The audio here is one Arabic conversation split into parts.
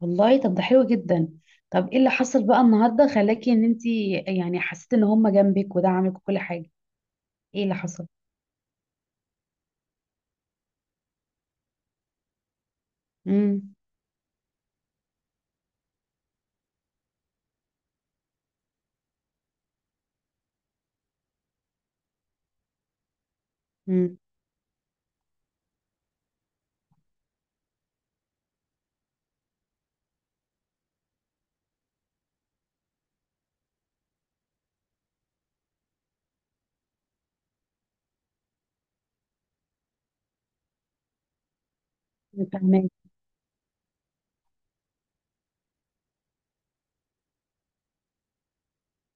والله، طب ده حلو جدا. طب ايه اللي حصل بقى النهارده خلاكي ان انت، يعني، حسيتي ان هم جنبك ودعمك وكل حاجه؟ ايه اللي حصل؟ امم امم فاهمك.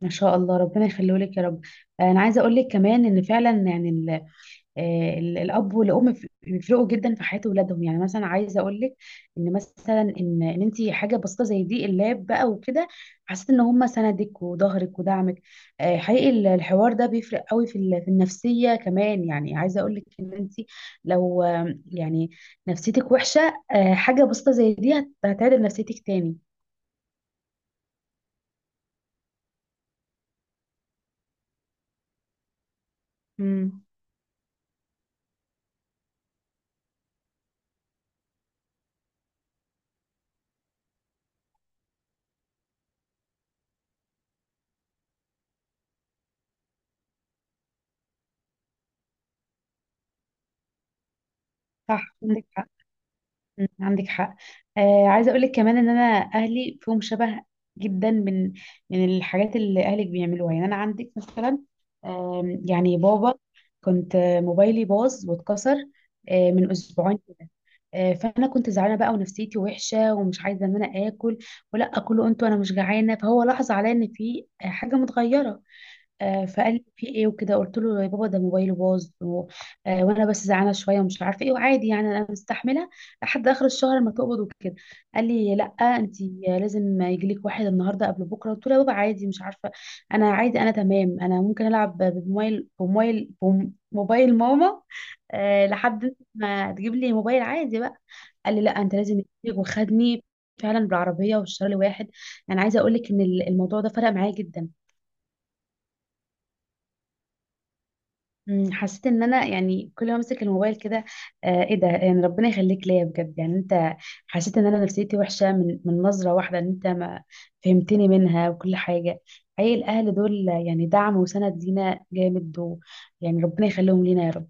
ما شاء الله، ربنا يخليه لك يا رب. انا عايزه اقول لك كمان ان فعلا، يعني، الاب والام بيفرقوا جدا في حياه اولادهم. يعني مثلا عايزه اقول لك ان مثلا ان انت حاجه بسيطه زي دي، اللاب بقى وكده، حسيت ان هم سندك وظهرك ودعمك. حقيقي الحوار ده بيفرق قوي في النفسيه كمان. يعني عايزه اقول لك ان انت لو يعني نفسيتك وحشه، حاجه بسيطه زي دي هتعدل نفسيتك تاني. امم صح، عندك حق. عندك حق. عايزه اقول لك كمان ان انا اهلي فيهم شبه جدا من من الحاجات اللي اهلك بيعملوها. يعني انا عندك مثلا يعني بابا، كنت موبايلي باظ واتكسر من اسبوعين كده، فانا كنت زعلانه بقى ونفسيتي وحشه ومش عايزه ان انا اكل ولا اكل وانتوا انا مش جعانه. فهو لاحظ عليا ان في حاجه متغيره. فقال لي في ايه وكده، قلت له يا بابا ده موبايله باظ وانا بس زعلانه شويه ومش عارفه ايه وعادي، يعني انا مستحمله لحد اخر الشهر ما تقبض وكده. قال لي لا، انت لازم يجي لك واحد النهارده قبل بكره. قلت له يا بابا عادي، مش عارفه، انا عادي، انا تمام، انا ممكن العب موبايل ماما لحد ما تجيب لي موبايل عادي بقى. قال لي لا، انت لازم يجيلك. وخدني فعلا بالعربيه والشهر لواحد. انا عايزه اقول لك ان الموضوع ده فرق معايا جدا. حسيت ان انا، يعني، كل ما امسك الموبال كده، ايه ده؟ يعني ربنا يخليك ليا بجد. يعني انت حسيت ان انا نفسيتي وحشه من من نظره واحده، ان انت ما فهمتني منها وكل حاجه. حقيقي، الاهل دول يعني دعم وسند لينا جامد، و، يعني ربنا يخليهم لينا يا رب.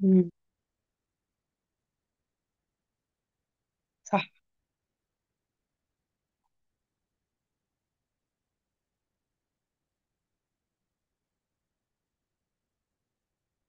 مم، صح.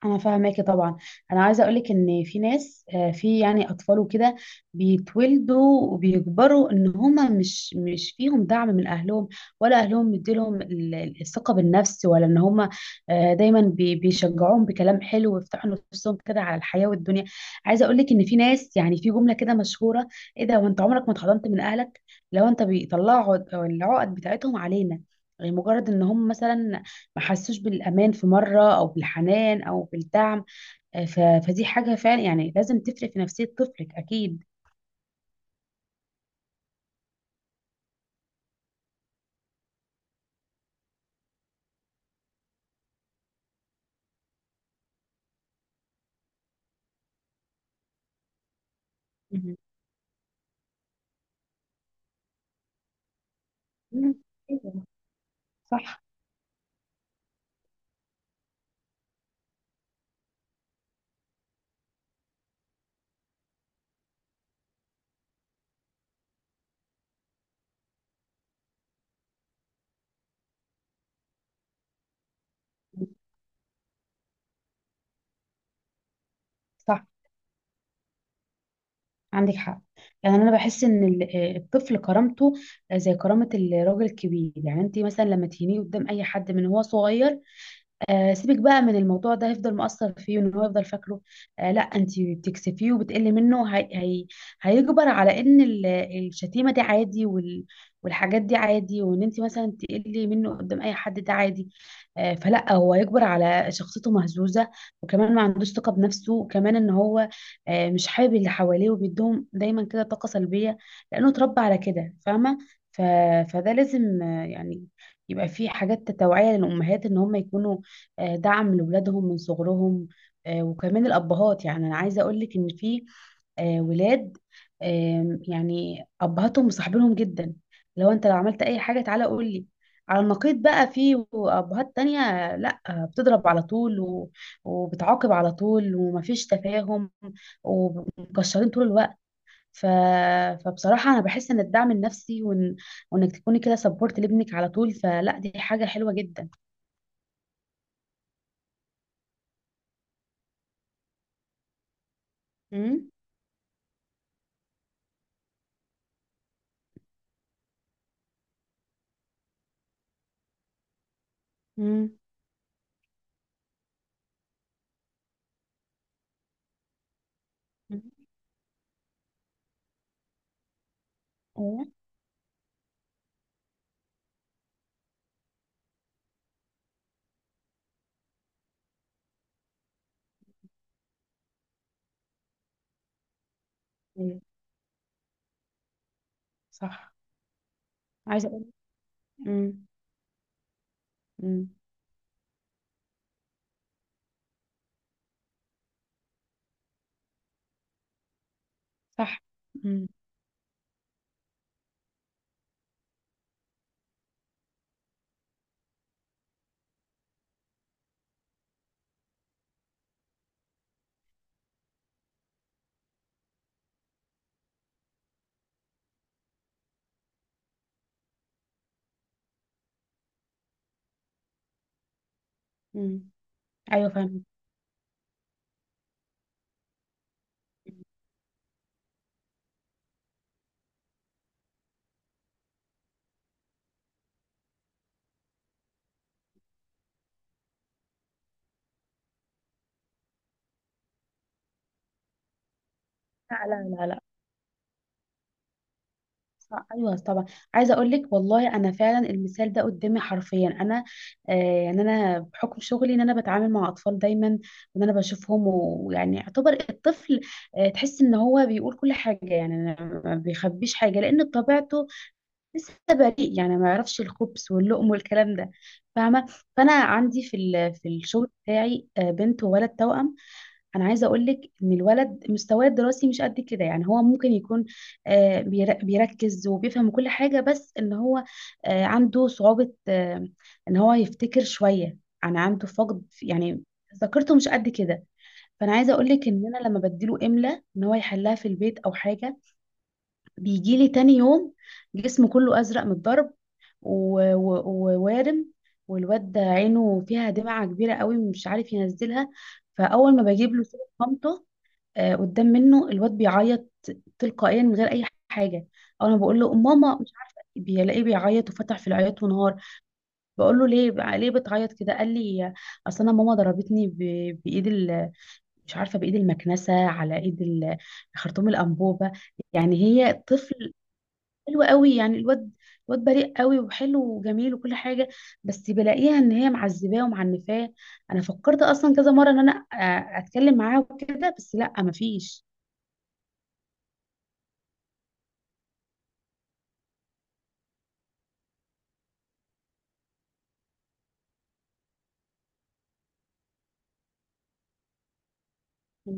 انا فاهماكي طبعا. انا عايزه اقولك ان في ناس، في يعني اطفال وكده بيتولدوا وبيكبروا ان هما مش فيهم دعم من اهلهم، ولا اهلهم مديلهم الثقه بالنفس، ولا ان هما دايما بيشجعوهم بكلام حلو ويفتحوا نفسهم كده على الحياه والدنيا. عايزه اقولك ان في ناس، يعني، في جمله كده مشهوره: ايه ده وانت عمرك ما اتحضنت من اهلك؟ لو انت بيطلعوا العقد بتاعتهم علينا، مجرد ان هم مثلا ما حسوش بالامان في مره او بالحنان او بالدعم، آه، ف- فدي حاجه فعلا يعني لازم تفرق في نفسيه طفلك اكيد. مهم. مم. أيوة، صح. صح، عندك حق. يعني انا بحس ان الطفل كرامته زي كرامه الراجل الكبير. يعني انت مثلا لما تهينيه قدام اي حد من هو صغير، سيبك بقى من الموضوع ده، هيفضل مؤثر فيه وان هو يفضل فاكره. لا، انت بتكسفيه وبتقلي منه، هي هيجبر على ان الشتيمه دي عادي، والحاجات دي عادي، وان انت مثلا تقلي منه قدام اي حد ده عادي. فلا، هو هيجبر على شخصيته مهزوزه، وكمان ما عندوش ثقه بنفسه، وكمان ان هو مش حابب اللي حواليه وبيديهم دايما كده طاقه سلبيه لانه اتربى على كده، فاهمه؟ ف... فده لازم يعني يبقى فيه حاجات توعية للأمهات إن هم يكونوا دعم لولادهم من صغرهم. وكمان الأبهات، يعني أنا عايزة أقولك إن في ولاد يعني أبهاتهم مصاحبينهم جدا: لو أنت لو عملت أي حاجة تعالى قول لي. على النقيض بقى، في أبهات تانية، لأ، بتضرب على طول وبتعاقب على طول ومفيش تفاهم ومكشرين طول الوقت. ف... فبصراحة أنا بحس إن الدعم النفسي، وإنك تكوني كده سبورت لابنك على طول، فلا دي حاجة حلوة جدا. مم. مم. ايوه. ايوه، صح. عايزه اقول. امم امم صح. امم امم ايوه، فاهمه. لا لا لا لا. صح. ايوه طبعا. عايزه اقول لك والله، انا فعلا المثال ده قدامي حرفيا انا. آه يعني انا بحكم شغلي ان انا بتعامل مع اطفال دايما، وان انا بشوفهم، ويعني يعتبر الطفل تحس ان هو بيقول كل حاجه، يعني أنا ما بيخبيش حاجه لان بطبيعته لسه بريء، يعني ما يعرفش الخبز واللقم والكلام ده، فاهمه؟ فانا عندي في الشغل بتاعي بنت وولد توأم. انا عايزه اقول لك ان الولد مستواه الدراسي مش قد كده. يعني هو ممكن يكون بيركز وبيفهم كل حاجه، بس ان هو عنده صعوبه ان هو يفتكر شويه. انا عنده فقد يعني، ذاكرته مش قد كده. فانا عايزه اقول لك ان انا لما بديله املا ان هو يحلها في البيت او حاجه، بيجيلي تاني يوم جسمه كله أزرق من الضرب، و- و- ووارم. والواد ده عينه فيها دمعة كبيرة قوي مش عارف ينزلها. فأول ما بجيب له صورة مامته قدام منه، الواد بيعيط تلقائيا من غير أي حاجة. أول ما بقول له ماما مش عارفة، بيلاقيه بيعيط وفتح في العياط ونهار. بقول له ليه بتعيط كده؟ قال لي اصل انا ماما ضربتني بايد مش عارفه، بايد المكنسه، على ايد خرطوم الانبوبه. يعني هي طفل حلو قوي، يعني الواد بريء قوي وحلو وجميل وكل حاجه. بس بلاقيها ان هي معذباه ومعنفاه. انا فكرت اصلا كذا مره ان انا اتكلم معاها وكده، بس لا، مفيش. هي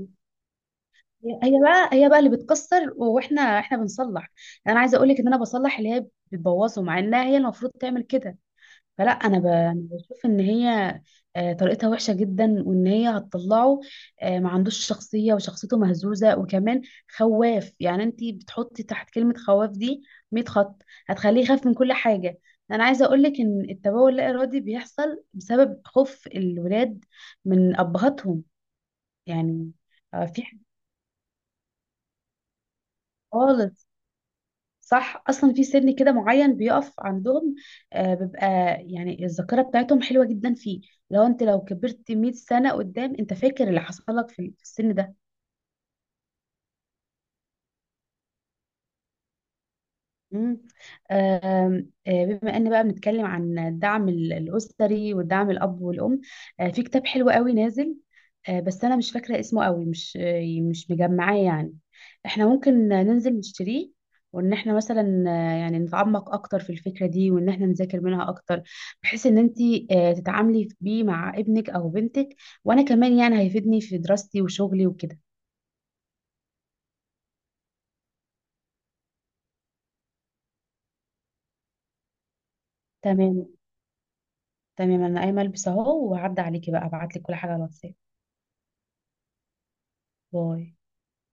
هي بقى هي بقى اللي بتكسر واحنا بنصلح. انا عايزه اقول لك ان انا بصلح اللي هي بتبوظه، مع انها هي المفروض تعمل كده. فلا انا أنا بشوف ان هي طريقتها وحشه جدا، وان هي هتطلعه ما عندوش شخصيه وشخصيته مهزوزه، وكمان خواف. يعني انت بتحطي تحت كلمه خواف دي 100 خط، هتخليه يخاف من كل حاجه. انا عايزه اقول لك ان التبول اللا ارادي بيحصل بسبب خوف الولاد من ابهاتهم. يعني في حاجة خالص. صح، اصلا في سن كده معين بيقف عندهم بيبقى، يعني الذاكره بتاعتهم حلوه جدا فيه. لو انت لو كبرت 100 سنه قدام، انت فاكر اللي حصل لك في السن ده. مم. آم، آه، بما ان بقى بنتكلم عن الدعم الاسري والدعم الاب والام، في كتاب حلو قوي نازل، بس انا مش فاكره اسمه قوي، مش مش مجمعاه يعني. احنا ممكن ننزل نشتريه، وان احنا مثلا يعني نتعمق اكتر في الفكره دي، وان احنا نذاكر منها اكتر، بحيث ان انت تتعاملي بيه مع ابنك او بنتك، وانا كمان يعني هيفيدني في دراستي وشغلي وكده. تمام. تمام انا قايمه البس اهو وهعدي عليكي بقى، ابعت لك كل حاجه على الواتساب. باي.